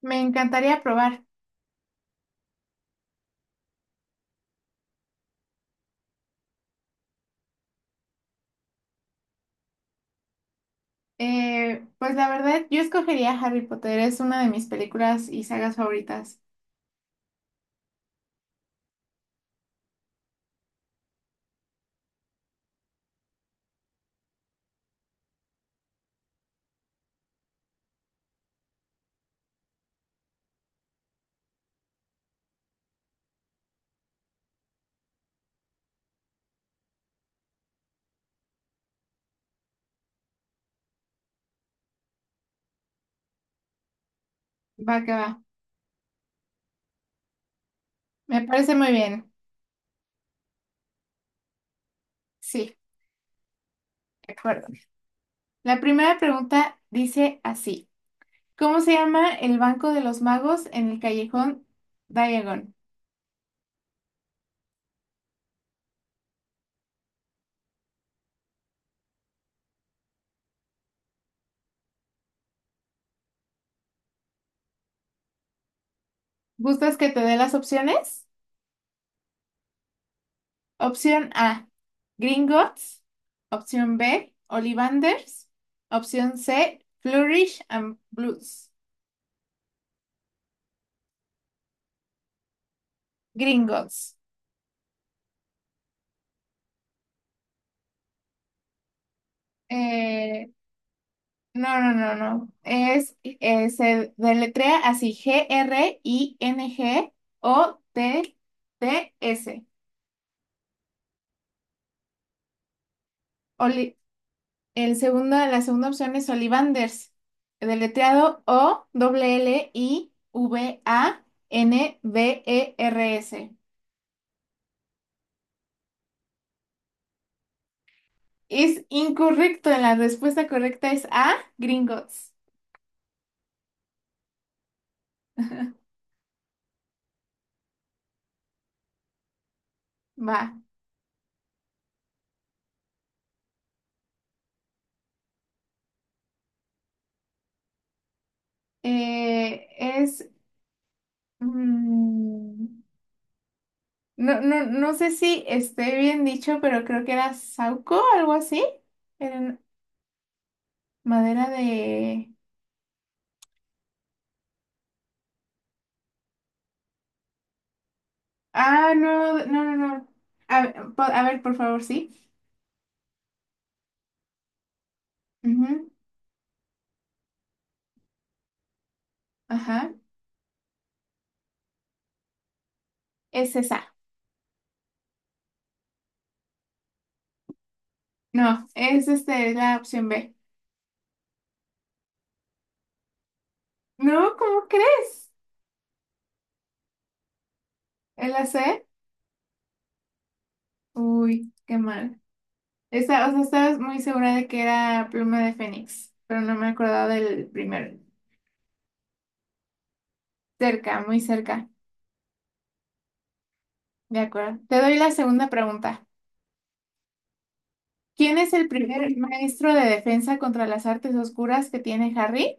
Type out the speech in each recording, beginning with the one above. Me encantaría probar. Pues la verdad, yo escogería Harry Potter. Es una de mis películas y sagas favoritas. Va que va. Me parece muy bien. Sí, de acuerdo. La primera pregunta dice así. ¿Cómo se llama el Banco de los Magos en el callejón Diagon? ¿Gustas que te dé las opciones? Opción A, Gringotts. Opción B, Ollivanders. Opción C, Flourish and Blues. Gringotts. Eh, No, no, no, no. Es, se deletrea así, G-R-I-N-G-O-T-T-S. Oli- el segundo, la segunda opción es Ollivanders, deletreado o l l i v a n D e r s. Es incorrecto, la respuesta correcta es A, Gringotts. Va. Es... mm, No, no, no sé si esté bien dicho, pero creo que era Sauco, algo así. Era madera de... Ah, no, no, no, no. A ver, por favor, sí. Ujú. Ajá. Es esa. No, es este, la opción B. No, ¿cómo crees? ¿Es la C? Uy, qué mal. Esta, o sea, estaba muy segura de que era pluma de Fénix, pero no me acordaba del primero. Cerca, muy cerca. De acuerdo. Te doy la segunda pregunta. ¿Quién es el primer maestro de defensa contra las artes oscuras que tiene Harry?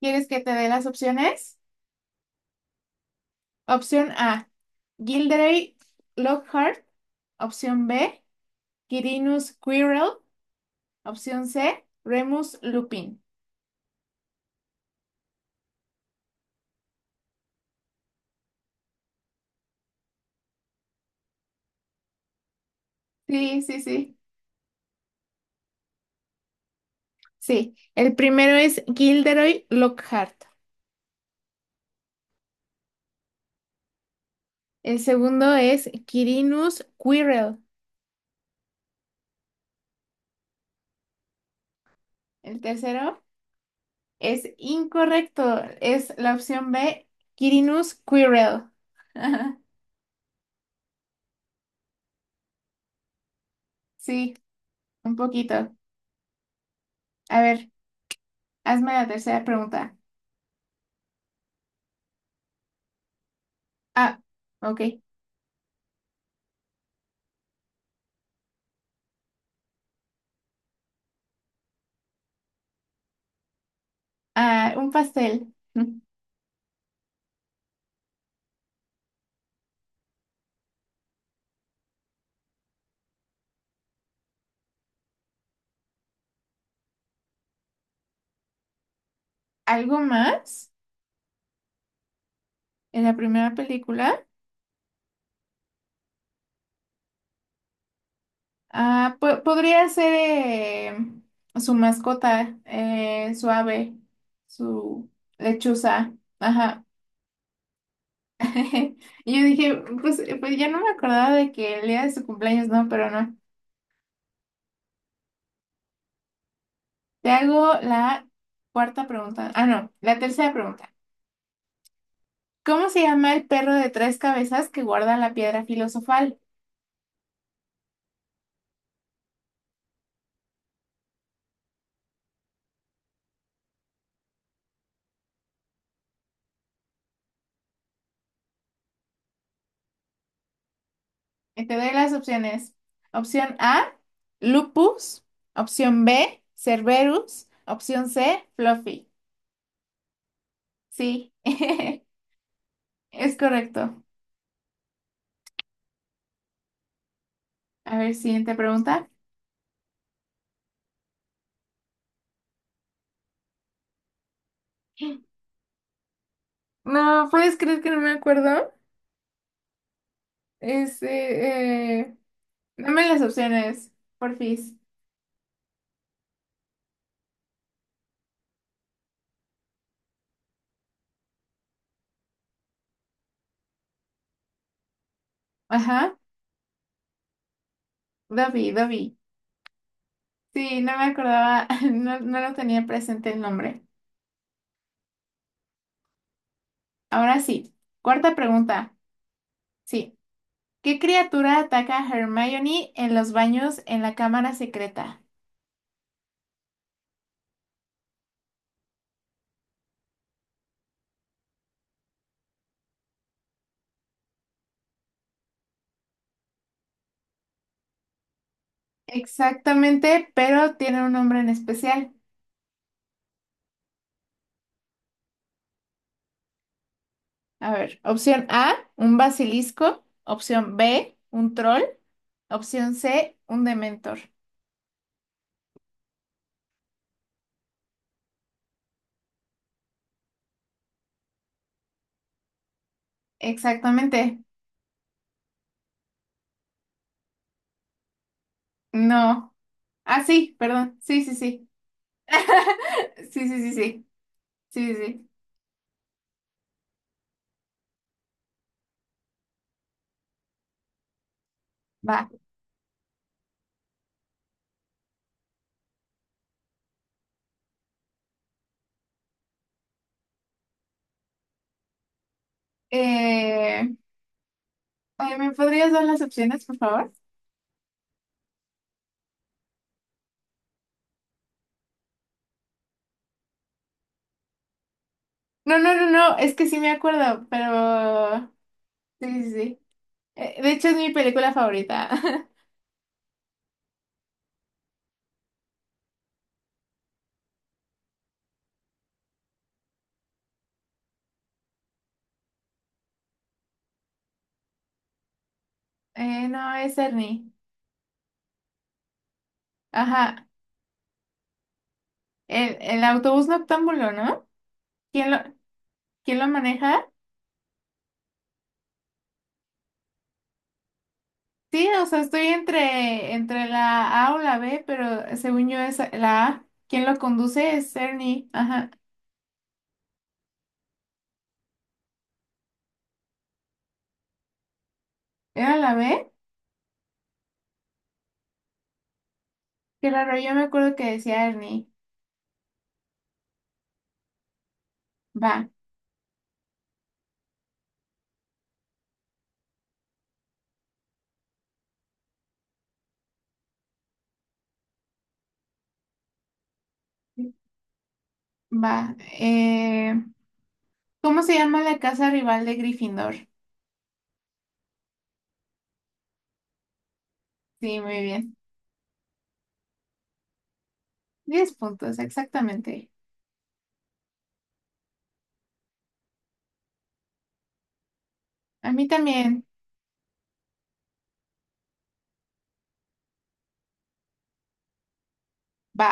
¿Quieres que te dé las opciones? Opción A, Gilderoy Lockhart. Opción B, Quirinus Quirrell. Opción C, Remus Lupin. Sí, sí, sí. Sí, el primero es Gilderoy Lockhart. El segundo es Quirinus Quirrell. El tercero es incorrecto. Es la opción B, Quirinus Quirrell. Sí. Un poquito. A ver, hazme la tercera pregunta. Ah, ok. Ah, un pastel. Mm. ¿Algo más en la primera película? Ah, podría ser su mascota, su ave, su lechuza. Ajá. Y yo dije, pues ya no me acordaba de que el día de su cumpleaños, no, pero no. Te hago la cuarta pregunta. Ah, no, la tercera pregunta. ¿Cómo se llama el perro de tres cabezas que guarda la piedra filosofal? Te doy las opciones. Opción A, Lupus. Opción B, Cerberus. Opción C, Fluffy. Sí, es correcto. A ver, siguiente pregunta. No, ¿puedes creer que no me acuerdo? Este, eh, Dame las opciones, porfis. Ajá, Dobby. Sí, no me acordaba, no, no lo tenía presente el nombre. Ahora sí, cuarta pregunta. Sí. ¿Qué criatura ataca a Hermione en los baños en la cámara secreta? Exactamente, pero tiene un nombre en especial. A ver, opción A, un basilisco. Opción B, un troll. Opción C, un dementor. Exactamente. No. Ah, sí, perdón. Sí, sí, sí. Sí, sí, sí, sí. Sí, sí, sí. Va. Eh, Ay, ¿me podrías dar las opciones, por favor? No, no, no, no. Es que sí me acuerdo, pero... Sí, sí, sí. De hecho, es mi película favorita. No, es Ernie. Ajá. El autobús noctámbulo, ¿no? ¿Quién lo, ¿Quién lo maneja? Sí, o sea, entre la A o la B, pero según yo es la A. ¿Quién lo conduce? Es Ernie. Ajá. ¿Era la B? Claro, yo me acuerdo que decía Ernie. Va, va. ¿Cómo se llama la casa rival de Gryffindor? Sí, muy bien. 10 puntos, exactamente. A mí también. Va.